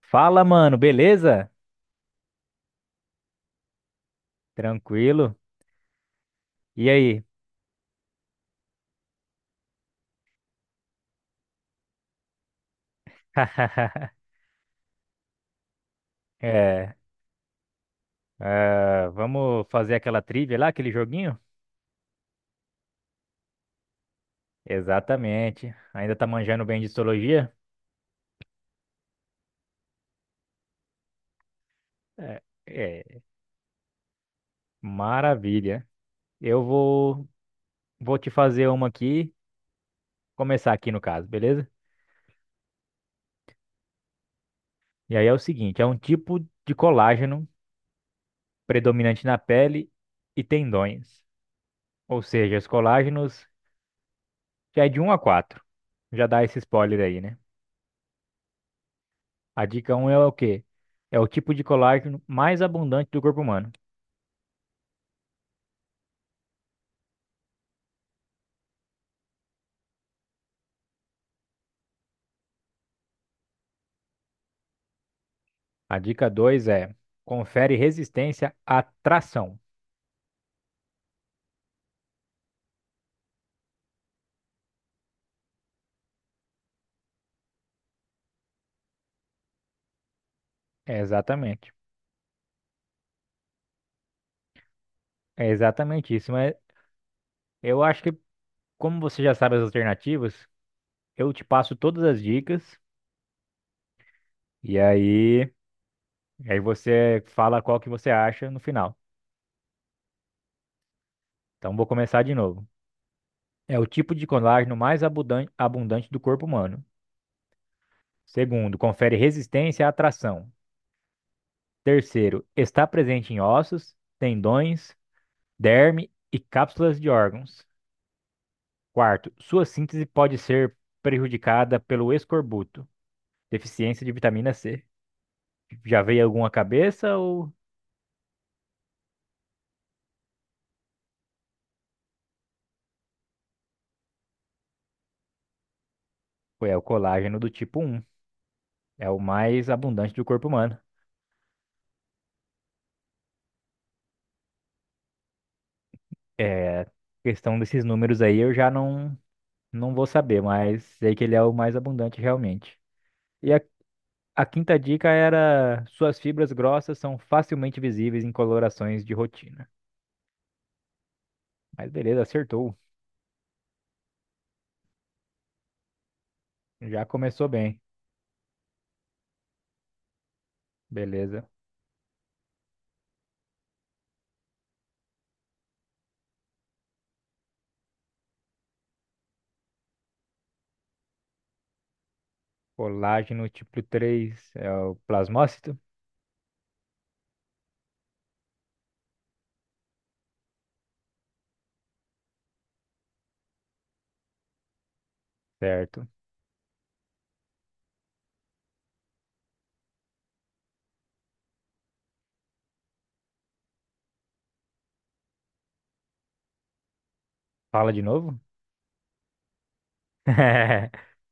Fala, mano, beleza? Tranquilo? E aí? É, ah, vamos fazer aquela trivia lá, aquele joguinho? Exatamente. Ainda tá manjando bem de histologia? É, é, maravilha. Eu vou, vou te fazer uma aqui, começar aqui no caso, beleza? E aí é o seguinte, é um tipo de colágeno predominante na pele e tendões. Ou seja, os colágenos já é de um a 4. Já dá esse spoiler aí, né? A dica um é o quê? É o tipo de colágeno mais abundante do corpo humano. A dica 2 é confere resistência à tração. É exatamente. É exatamente isso. Mas eu acho que, como você já sabe as alternativas, eu te passo todas as dicas e aí, e aí você fala qual que você acha no final. Então vou começar de novo. É o tipo de colágeno mais abundante do corpo humano. Segundo, confere resistência à tração. Terceiro, está presente em ossos, tendões, derme e cápsulas de órgãos. Quarto, sua síntese pode ser prejudicada pelo escorbuto, deficiência de vitamina C. Já veio alguma cabeça ou foi é o colágeno do tipo um. É o mais abundante do corpo humano. É, questão desses números aí eu já não vou saber, mas sei que ele é o mais abundante realmente. E a, a quinta dica era suas fibras grossas são facilmente visíveis em colorações de rotina. Mas beleza, acertou. Já começou bem. Beleza. Colágeno tipo 3 é o plasmócito? Certo. Fala de novo?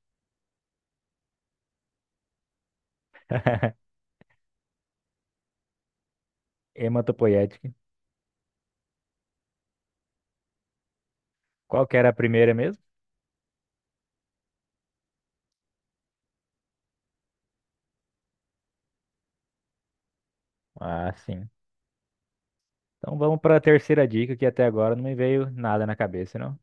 Hematopoética. Qual que era a primeira mesmo? Ah, sim. Então vamos para a terceira dica, que até agora não me veio nada na cabeça, não.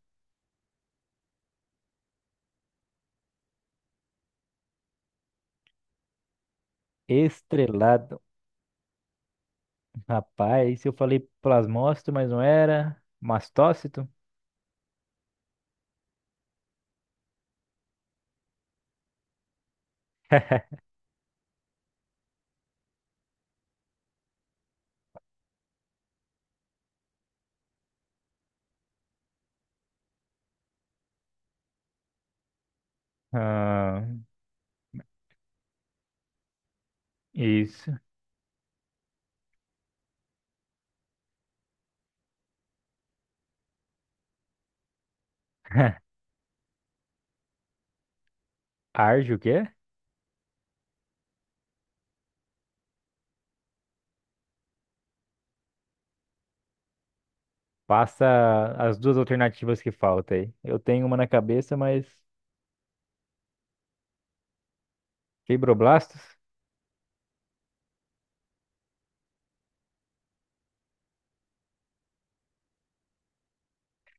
Estrelado. Rapaz, eu falei plasmócito, mas não era. Mastócito? Ah, isso. Arge o quê? Passa as duas alternativas que faltam aí. Eu tenho uma na cabeça, mas fibroblastos?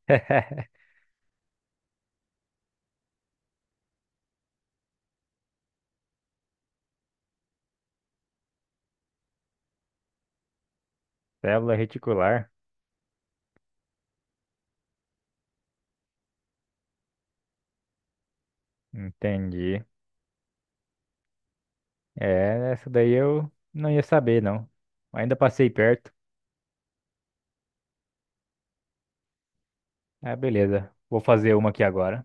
Célula reticular. Entendi. É, essa daí eu não ia saber, não. Ainda passei perto. Ah, beleza. Vou fazer uma aqui agora.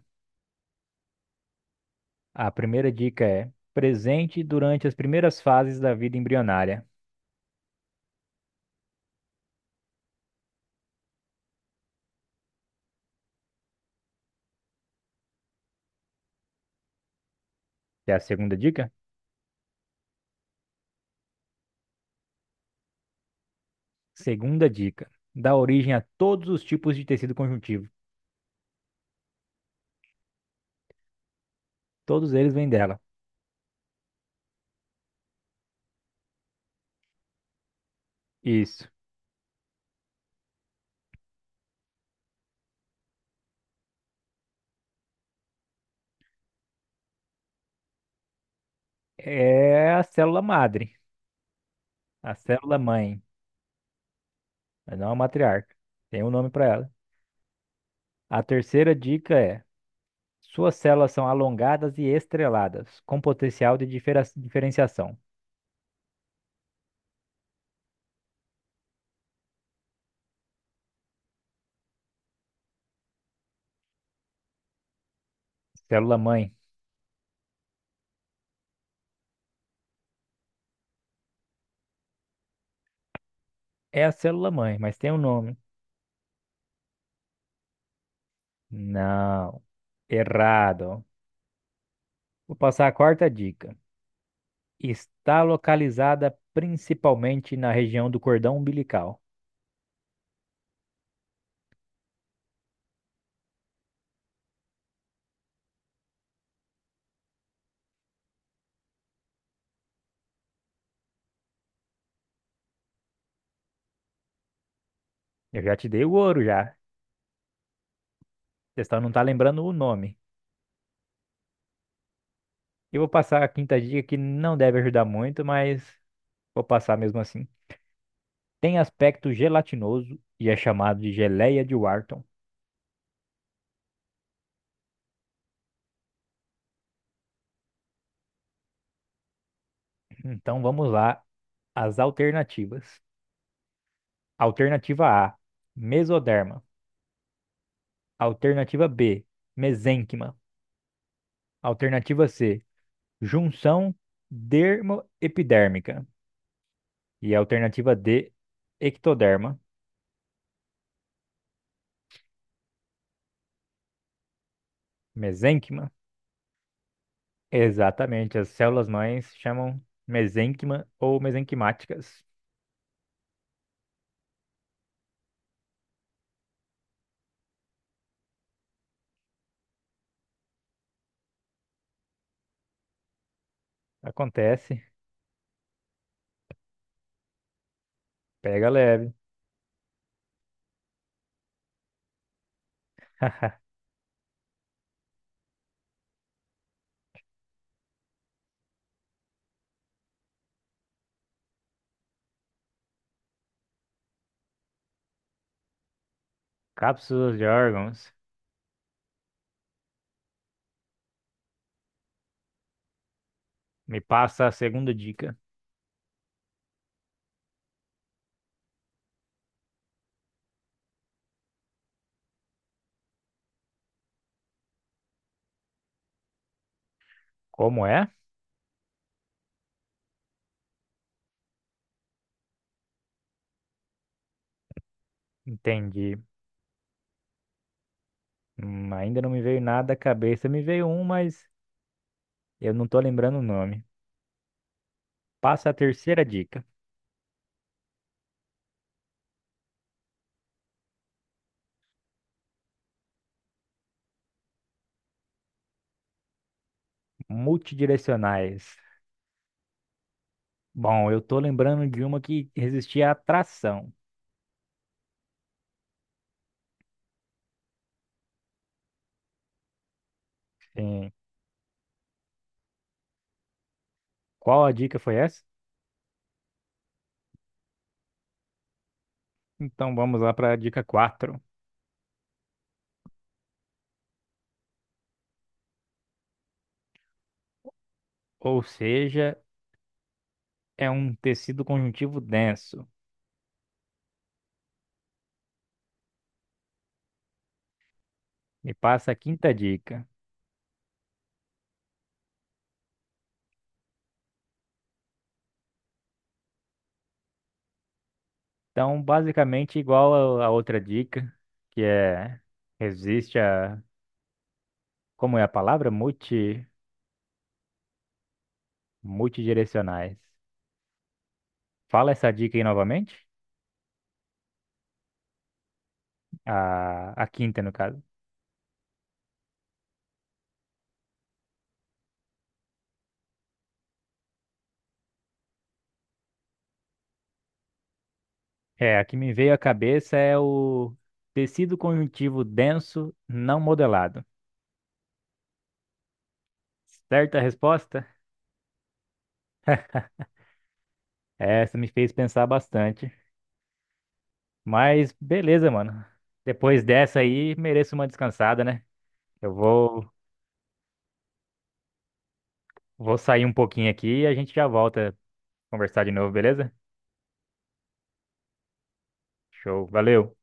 A primeira dica é presente durante as primeiras fases da vida embrionária. Que é a segunda dica? Segunda dica. Dá origem a todos os tipos de tecido conjuntivo. Todos eles vêm dela. Isso. É a célula madre, a célula mãe, mas não a matriarca. Tem um nome para ela. A terceira dica é suas células são alongadas e estreladas, com potencial de diferenciação. Célula-mãe. É a célula-mãe, mas tem um nome. Não, errado. Vou passar a quarta dica. Está localizada principalmente na região do cordão umbilical. Eu já te dei o ouro já. Você só não tá lembrando o nome. Eu vou passar a quinta dica que não deve ajudar muito, mas vou passar mesmo assim. Tem aspecto gelatinoso e é chamado de geleia de Wharton. Então vamos lá. As alternativas. Alternativa A, mesoderma. Alternativa B, mesênquima. Alternativa C, junção dermoepidérmica. E a alternativa D, ectoderma, mesênquima. Exatamente, as células-mães chamam mesênquima ou mesenquimáticas. Acontece, pega leve. Cápsulas de órgãos. Me passa a segunda dica. Como é? Entendi. Ainda não me veio nada à cabeça. Me veio um, mas eu não tô lembrando o nome. Passa a terceira dica. Multidirecionais. Bom, eu tô lembrando de uma que resistia à atração. Sim. Qual a dica foi essa? Então vamos lá para a dica quatro. Ou seja, é um tecido conjuntivo denso. Me passa a quinta dica. Então, basicamente igual a outra dica, que é resiste a, como é a palavra? Multidirecionais. Fala essa dica aí novamente. A quinta, no caso. É, a que me veio à cabeça é o tecido conjuntivo denso não modelado. Certa resposta? Essa me fez pensar bastante. Mas beleza, mano. Depois dessa aí, mereço uma descansada, né? Eu vou, vou sair um pouquinho aqui e a gente já volta a conversar de novo, beleza? Show, valeu.